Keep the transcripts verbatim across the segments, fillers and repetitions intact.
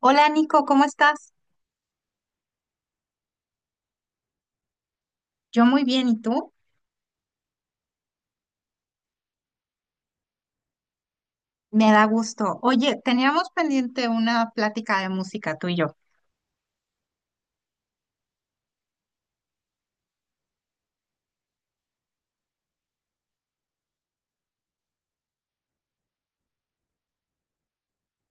Hola Nico, ¿cómo estás? Yo muy bien, ¿y tú? Me da gusto. Oye, teníamos pendiente una plática de música tú y yo.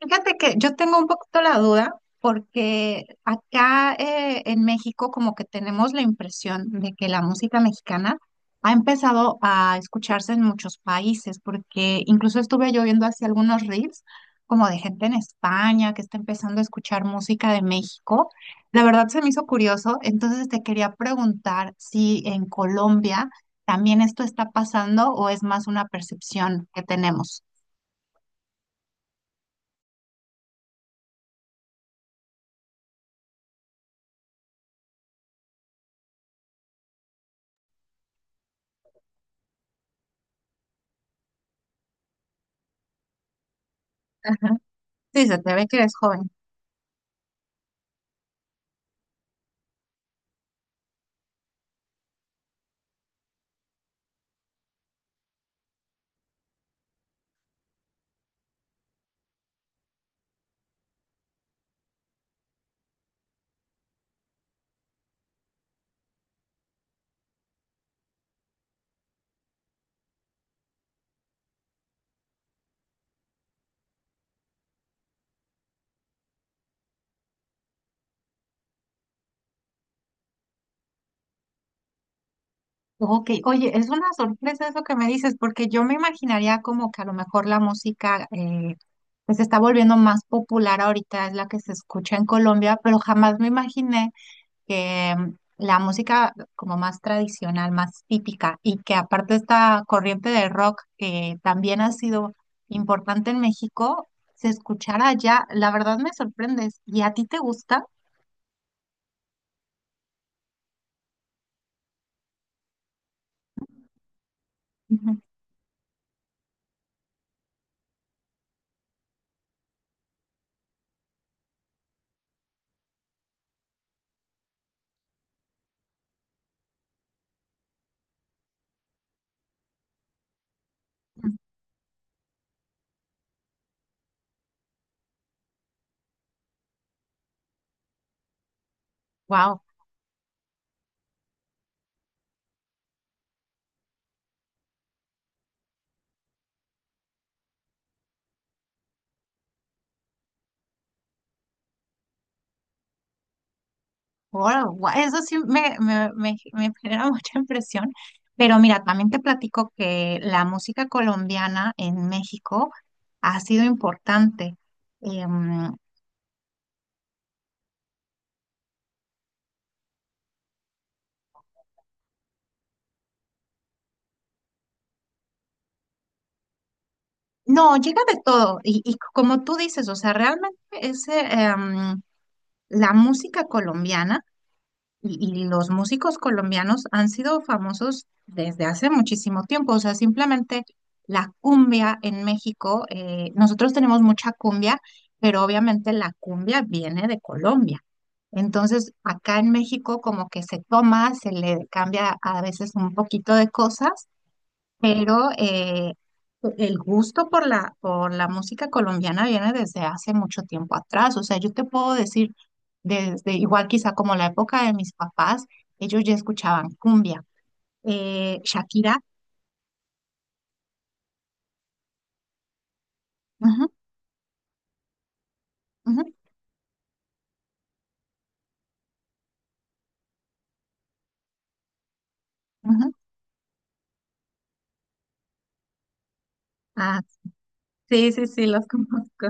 Fíjate que yo tengo un poquito la duda porque acá eh, en México como que tenemos la impresión de que la música mexicana ha empezado a escucharse en muchos países porque incluso estuve yo viendo así algunos reels como de gente en España que está empezando a escuchar música de México. La verdad se me hizo curioso, entonces te quería preguntar si en Colombia también esto está pasando o es más una percepción que tenemos. Sí, se te ve que eres joven. Ok, oye, es una sorpresa eso que me dices, porque yo me imaginaría como que a lo mejor la música eh, pues se está volviendo más popular ahorita, es la que se escucha en Colombia, pero jamás me imaginé que mm, la música como más tradicional, más típica, y que aparte esta corriente de rock que también ha sido importante en México, se escuchara allá, la verdad me sorprendes. ¿Y a ti te gusta? Wow. Wow, gua- eso sí me, me, me- me genera mucha impresión. Pero mira, también te platico que la música colombiana en México ha sido importante. Em, no, llega de todo. Y, y como tú dices, o sea, realmente ese, em, la música colombiana. Y, y los músicos colombianos han sido famosos desde hace muchísimo tiempo. O sea, simplemente la cumbia en México, eh, nosotros tenemos mucha cumbia, pero obviamente la cumbia viene de Colombia. Entonces, acá en México como que se toma, se le cambia a veces un poquito de cosas pero eh, el gusto por la, por la música colombiana viene desde hace mucho tiempo atrás. O sea, yo te puedo decir, desde igual quizá como la época de mis papás, ellos ya escuchaban cumbia, eh, Shakira. Ujú, ujú, ujú. Ah, sí, sí, sí, los conozco.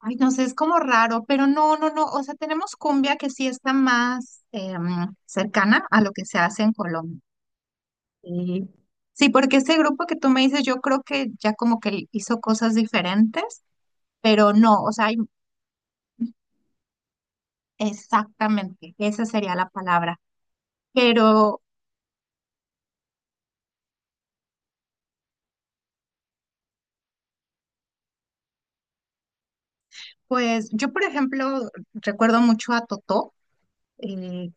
Ay, no sé, es como raro, pero no, no, no. O sea, tenemos cumbia que sí está más em, cercana a lo que se hace en Colombia. Sí, sí, porque ese grupo que tú me dices, yo creo que ya como que hizo cosas diferentes, pero no, o sea, hay- exactamente, esa sería la palabra. Pero, pues, yo, por ejemplo, recuerdo mucho a Totó, eh,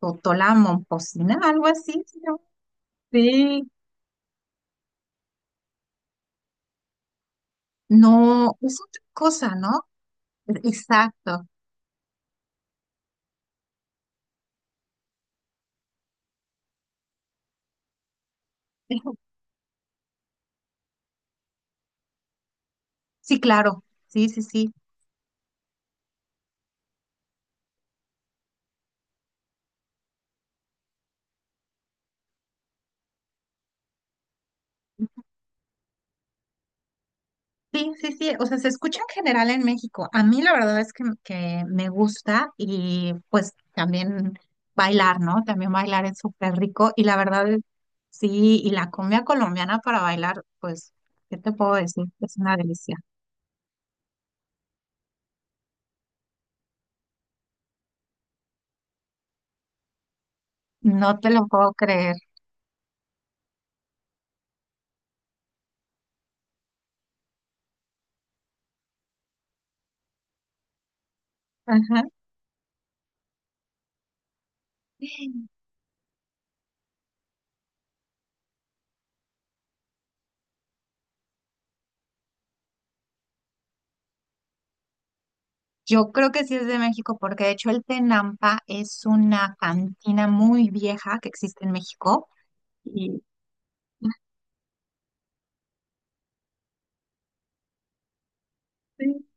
Totó la Momposina, algo así, se llama. Sí. No, es otra cosa, ¿no? Exacto. Sí, claro, sí, sí, sí. Sí, sí, sí, o sea, se escucha en general en México. A mí la verdad es que, que me gusta y pues también bailar, ¿no? También bailar es súper rico y la verdad es, sí, y la cumbia colombiana para bailar, pues, ¿qué te puedo decir? Es una delicia. No te lo puedo creer. Ajá. Yo creo que sí es de México porque de hecho el Tenampa es una cantina muy vieja que existe en México. Y, sí.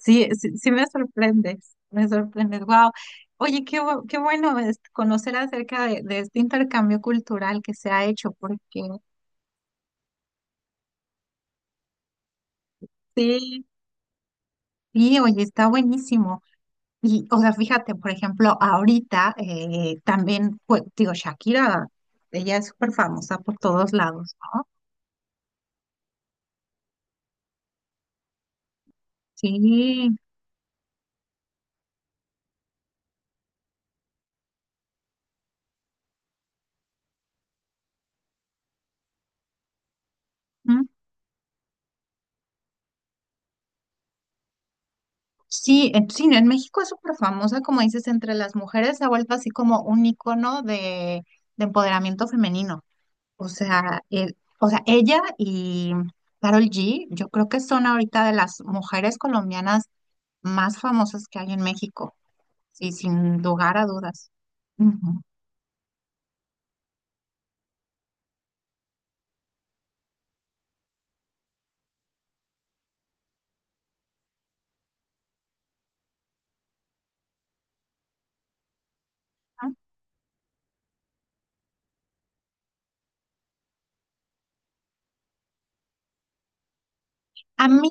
Sí, sí, sí me sorprendes, me sorprendes. Wow. Oye, qué, bu- qué bueno es conocer acerca de, de este intercambio cultural que se ha hecho, porque sí, sí, oye, está buenísimo. Y, o sea, fíjate, por ejemplo, ahorita eh, también, pues, digo, Shakira, ella es súper famosa por todos lados, ¿no? Sí, ¿mm? Sí, en, sí, en México es súper famosa, como dices, entre las mujeres se ha vuelto así como un icono de de empoderamiento femenino. O sea, el- o sea, ella y Carol G, yo creo que son ahorita de las mujeres colombianas más famosas que hay en México, sí, sin lugar a dudas. Ujú. A mí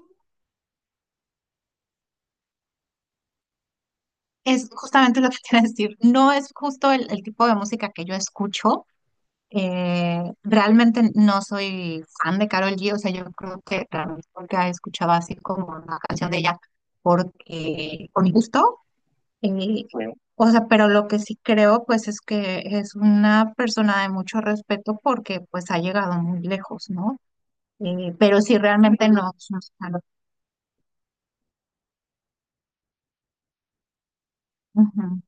es justamente lo que quiero decir, no es justo el, el tipo de música que yo escucho. Eh, realmente no soy fan de Carol G, o sea, yo creo que realmente porque escuchaba así como una canción de ella porque con gusto y, o sea, pero lo que sí creo, pues, es que es una persona de mucho respeto porque, pues, ha llegado muy lejos, ¿no? Eh, pero sí, realmente no. No claro. Ujú,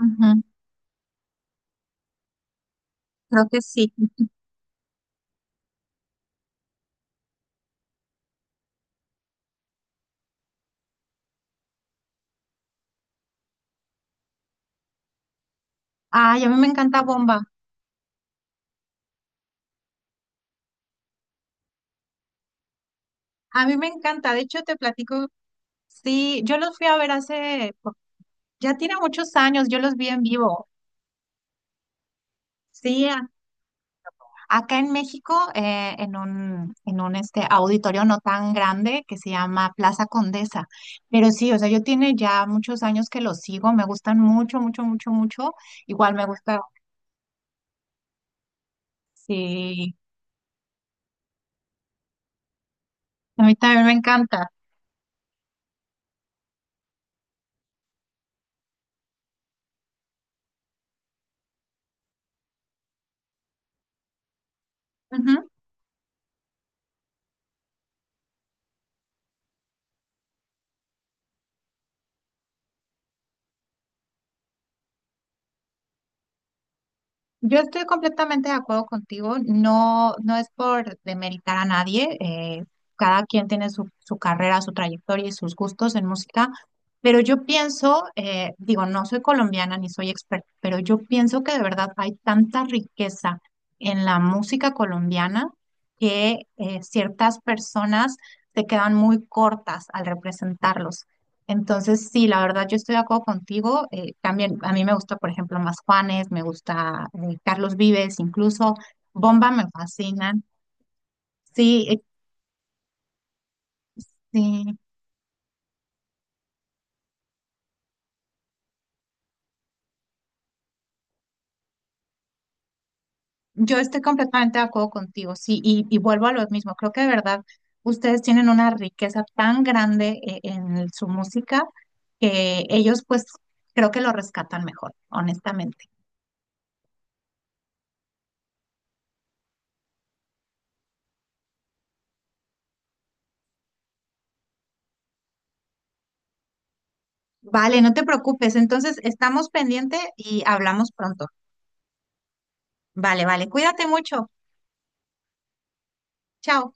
ujú, creo que sí. Ay, a mí me encanta Bomba. A mí me encanta. De hecho, te platico, sí, yo los fui a ver hace, ya tiene muchos años, yo los vi en vivo. Sí, acá en México, eh, en un, en un este, auditorio no tan grande que se llama Plaza Condesa. Pero sí, o sea, yo tiene ya muchos años que lo sigo, me gustan mucho, mucho, mucho, mucho. Igual me gusta, sí, a mí también me encanta. Yo estoy completamente de acuerdo contigo, no, no es por demeritar a nadie, eh, cada quien tiene su, su carrera, su trayectoria y sus gustos en música, pero yo pienso, eh, digo, no soy colombiana ni soy experta, pero yo pienso que de verdad hay tanta riqueza en la música colombiana que eh, ciertas personas se quedan muy cortas al representarlos. Entonces, sí, la verdad, yo estoy de acuerdo contigo. Eh, también a mí me gusta, por ejemplo, Más Juanes, me gusta eh, Carlos Vives, incluso Bomba me fascinan. Sí, eh, sí, yo estoy completamente de acuerdo contigo, sí, y, y vuelvo a lo mismo. Creo que de verdad ustedes tienen una riqueza tan grande eh, en el- su música que ellos, pues, creo que lo rescatan mejor, honestamente. Vale, no te preocupes. Entonces, estamos pendiente y hablamos pronto. Vale, vale, cuídate mucho. Chao.